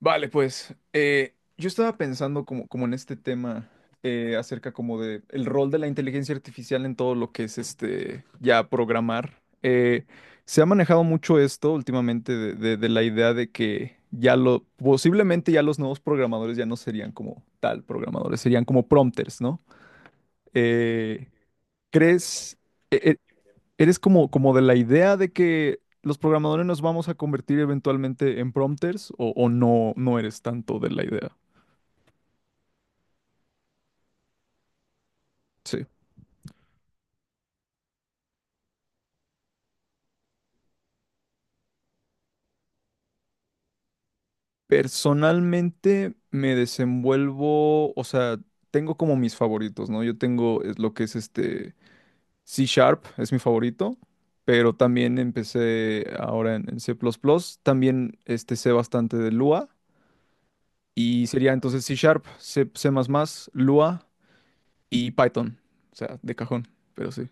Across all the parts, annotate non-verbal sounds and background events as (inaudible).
Vale, pues yo estaba pensando como en este tema acerca como de el rol de la inteligencia artificial en todo lo que es este ya programar. Se ha manejado mucho esto últimamente de la idea de que ya lo posiblemente ya los nuevos programadores ya no serían como tal programadores, serían como prompters, ¿no? Eh, ¿Crees? e, e, ¿Eres como, como de la idea de que los programadores nos vamos a convertir eventualmente en prompters o no, no eres tanto de la idea? Sí. Personalmente me desenvuelvo, o sea, tengo como mis favoritos, ¿no? Yo tengo es lo que es este C Sharp, es mi favorito, pero también empecé ahora en C++, también este, sé bastante de Lua y sería entonces C Sharp, C++, Lua y Python, o sea, de cajón, pero sí.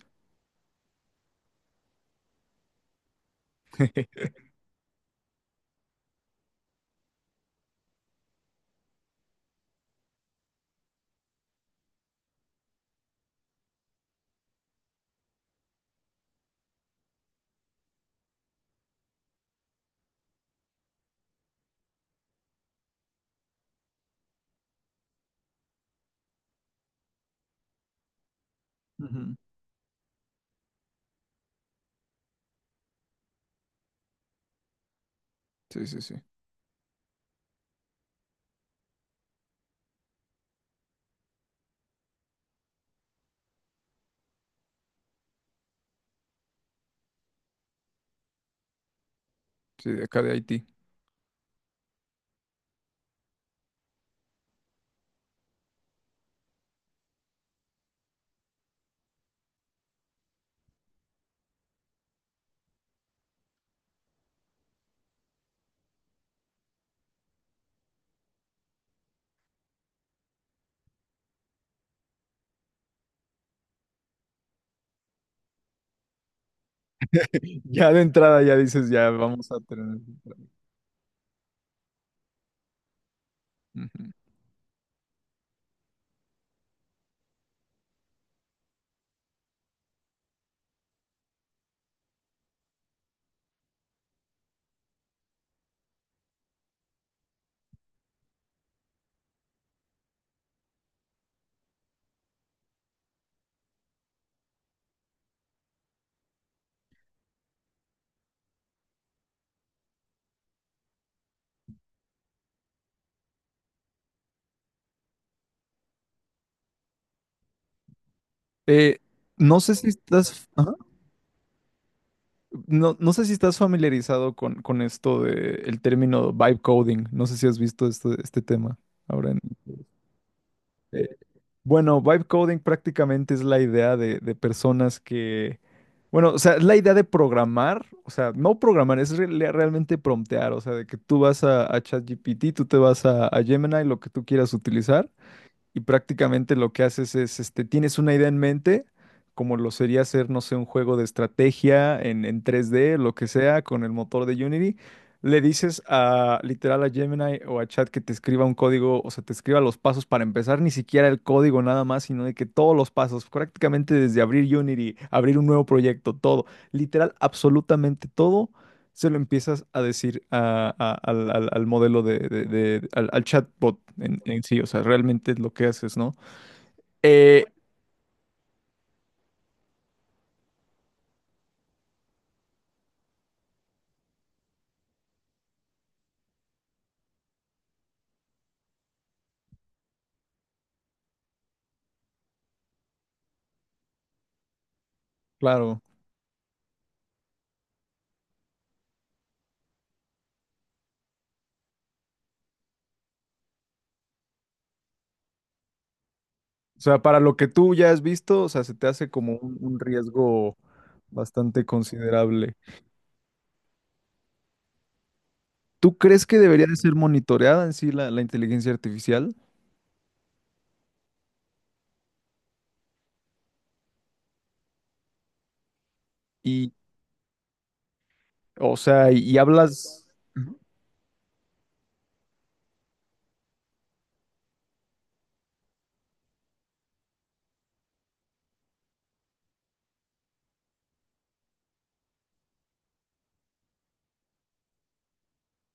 (laughs) Ujú. Sí, sí, sí. Sí, de acá de Haití. (laughs) Ya de entrada ya dices, ya vamos a tener... Ujú. Eh, no sé si estás, ajá. No, no sé si estás familiarizado con esto de el término vibe coding. No sé si has visto este, este tema ahora. Eh, bueno, vibe coding prácticamente es la idea de personas que, bueno, o sea, es la idea de programar, o sea, no programar, es realmente promptear, o sea, de que tú vas a ChatGPT, tú te vas a Gemini, lo que tú quieras utilizar. Y prácticamente lo que haces es, este, tienes una idea en mente, como lo sería hacer, no sé, un juego de estrategia en tres d lo que sea, con el motor de Unity. Le dices a literal a Gemini o a Chat que te escriba un código, o sea, te escriba los pasos para empezar, ni siquiera el código nada más, sino de que todos los pasos, prácticamente desde abrir Unity, abrir un nuevo proyecto, todo, literal, absolutamente todo se lo empiezas a decir al modelo al, al chatbot en sí, o sea, realmente es lo que haces, ¿no? Eh, claro, o sea, para lo que tú ya has visto, o sea, se te hace como un riesgo bastante considerable. ¿Tú crees que debería de ser monitoreada en sí la inteligencia artificial? Y, o sea, y hablas... Ujú.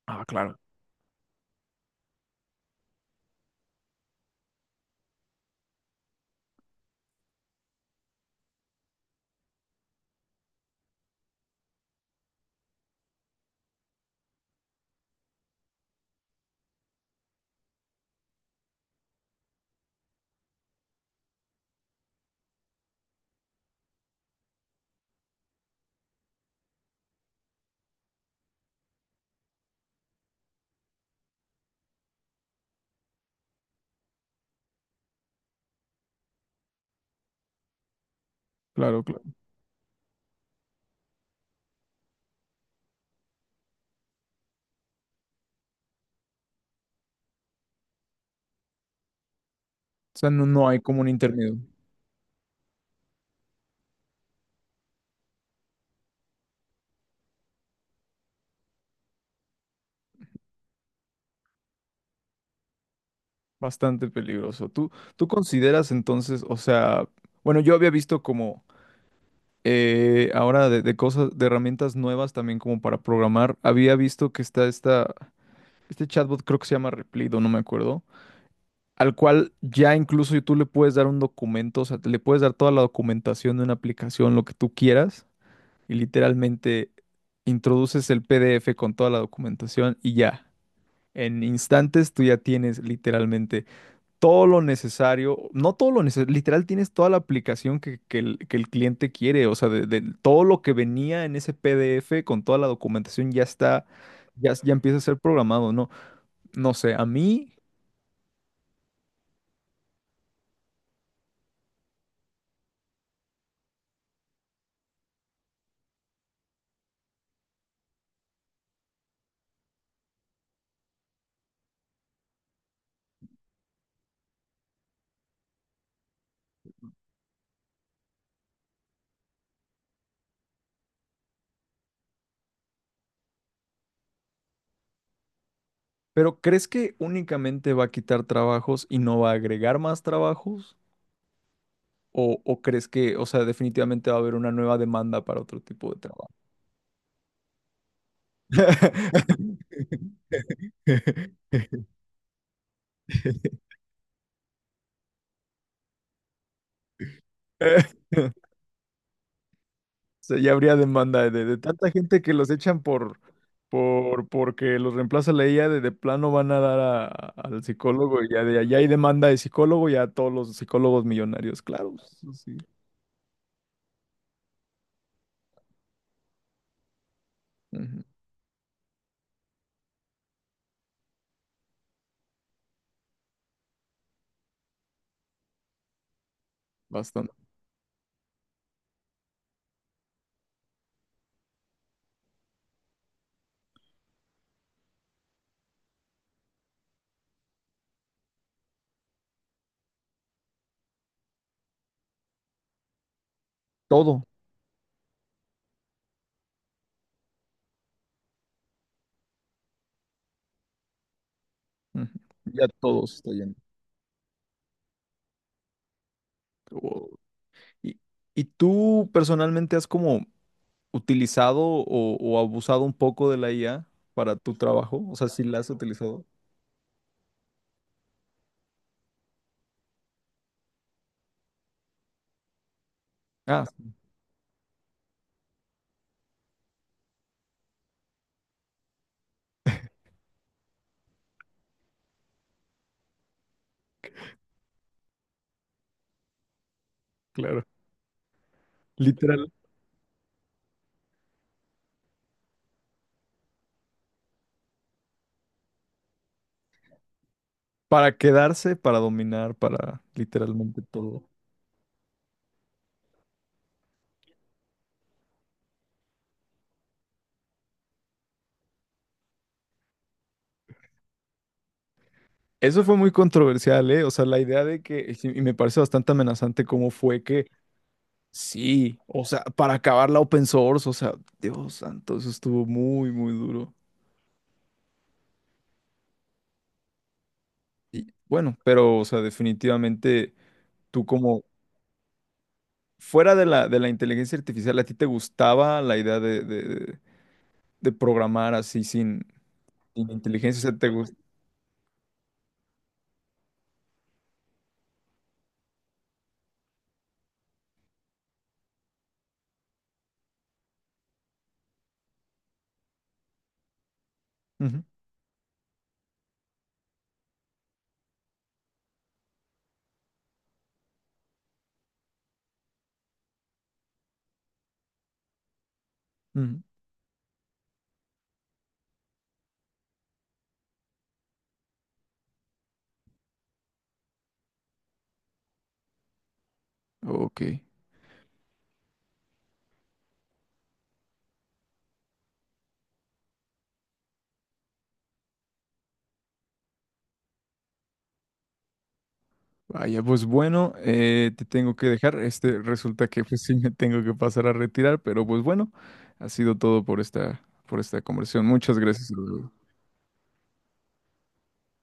Ah, claro, claro, claro. O sea, no, no hay como un intermedio. Bastante peligroso. ¿Tú, tú consideras entonces, o sea, bueno, yo había visto como ahora de cosas, de herramientas nuevas también como para programar, había visto que está esta, este chatbot creo que se llama Replido, no no me acuerdo, al cual ya incluso tú le puedes dar un documento, o sea, le puedes dar toda la documentación de una aplicación, lo que tú quieras, y literalmente introduces el PDF con toda la documentación y ya, en instantes tú ya tienes literalmente todo lo necesario, no todo lo necesario, literal tienes toda la aplicación que, que el cliente quiere, o sea, de todo lo que venía en ese PDF con toda la documentación ya está, ya, ya empieza a ser programado, ¿no? No sé, a mí, pero ¿crees que únicamente va a quitar trabajos y no va a agregar más trabajos? O crees que, o sea, definitivamente va a haber una nueva demanda para otro tipo de trabajo? (laughs) (laughs) sea, ya habría demanda de tanta gente que los echan por, porque los reemplaza la IA, de plano van a dar al psicólogo y ya de allá hay demanda de psicólogo, ya todos los psicólogos millonarios, claro, eso sí, ujú, bastante? Todo, ujú, ya todos está yendo. Wow. ¿Y, y tú personalmente has como utilizado o abusado un poco de la IA para tu trabajo? O sea, ¿si la has utilizado? Ah, sí, claro. Para quedarse, para dominar, para literalmente todo. Eso fue muy controversial, ¿eh? O sea, la idea de que, y sí, y me parece bastante amenazante cómo fue que, sí, o sea, para acabar la open source, o sea, Dios santo, eso estuvo muy, muy duro. Y bueno, pero, o sea, definitivamente tú como, fuera de la inteligencia artificial, ¿a ti te gustaba la idea de programar así sin, sin inteligencia? O sea, te gusta. Ok. Vaya, pues bueno, te tengo que dejar. Este resulta que pues (laughs) sí me tengo que pasar a retirar, pero pues bueno, ha sido todo por esta conversación. Muchas gracias.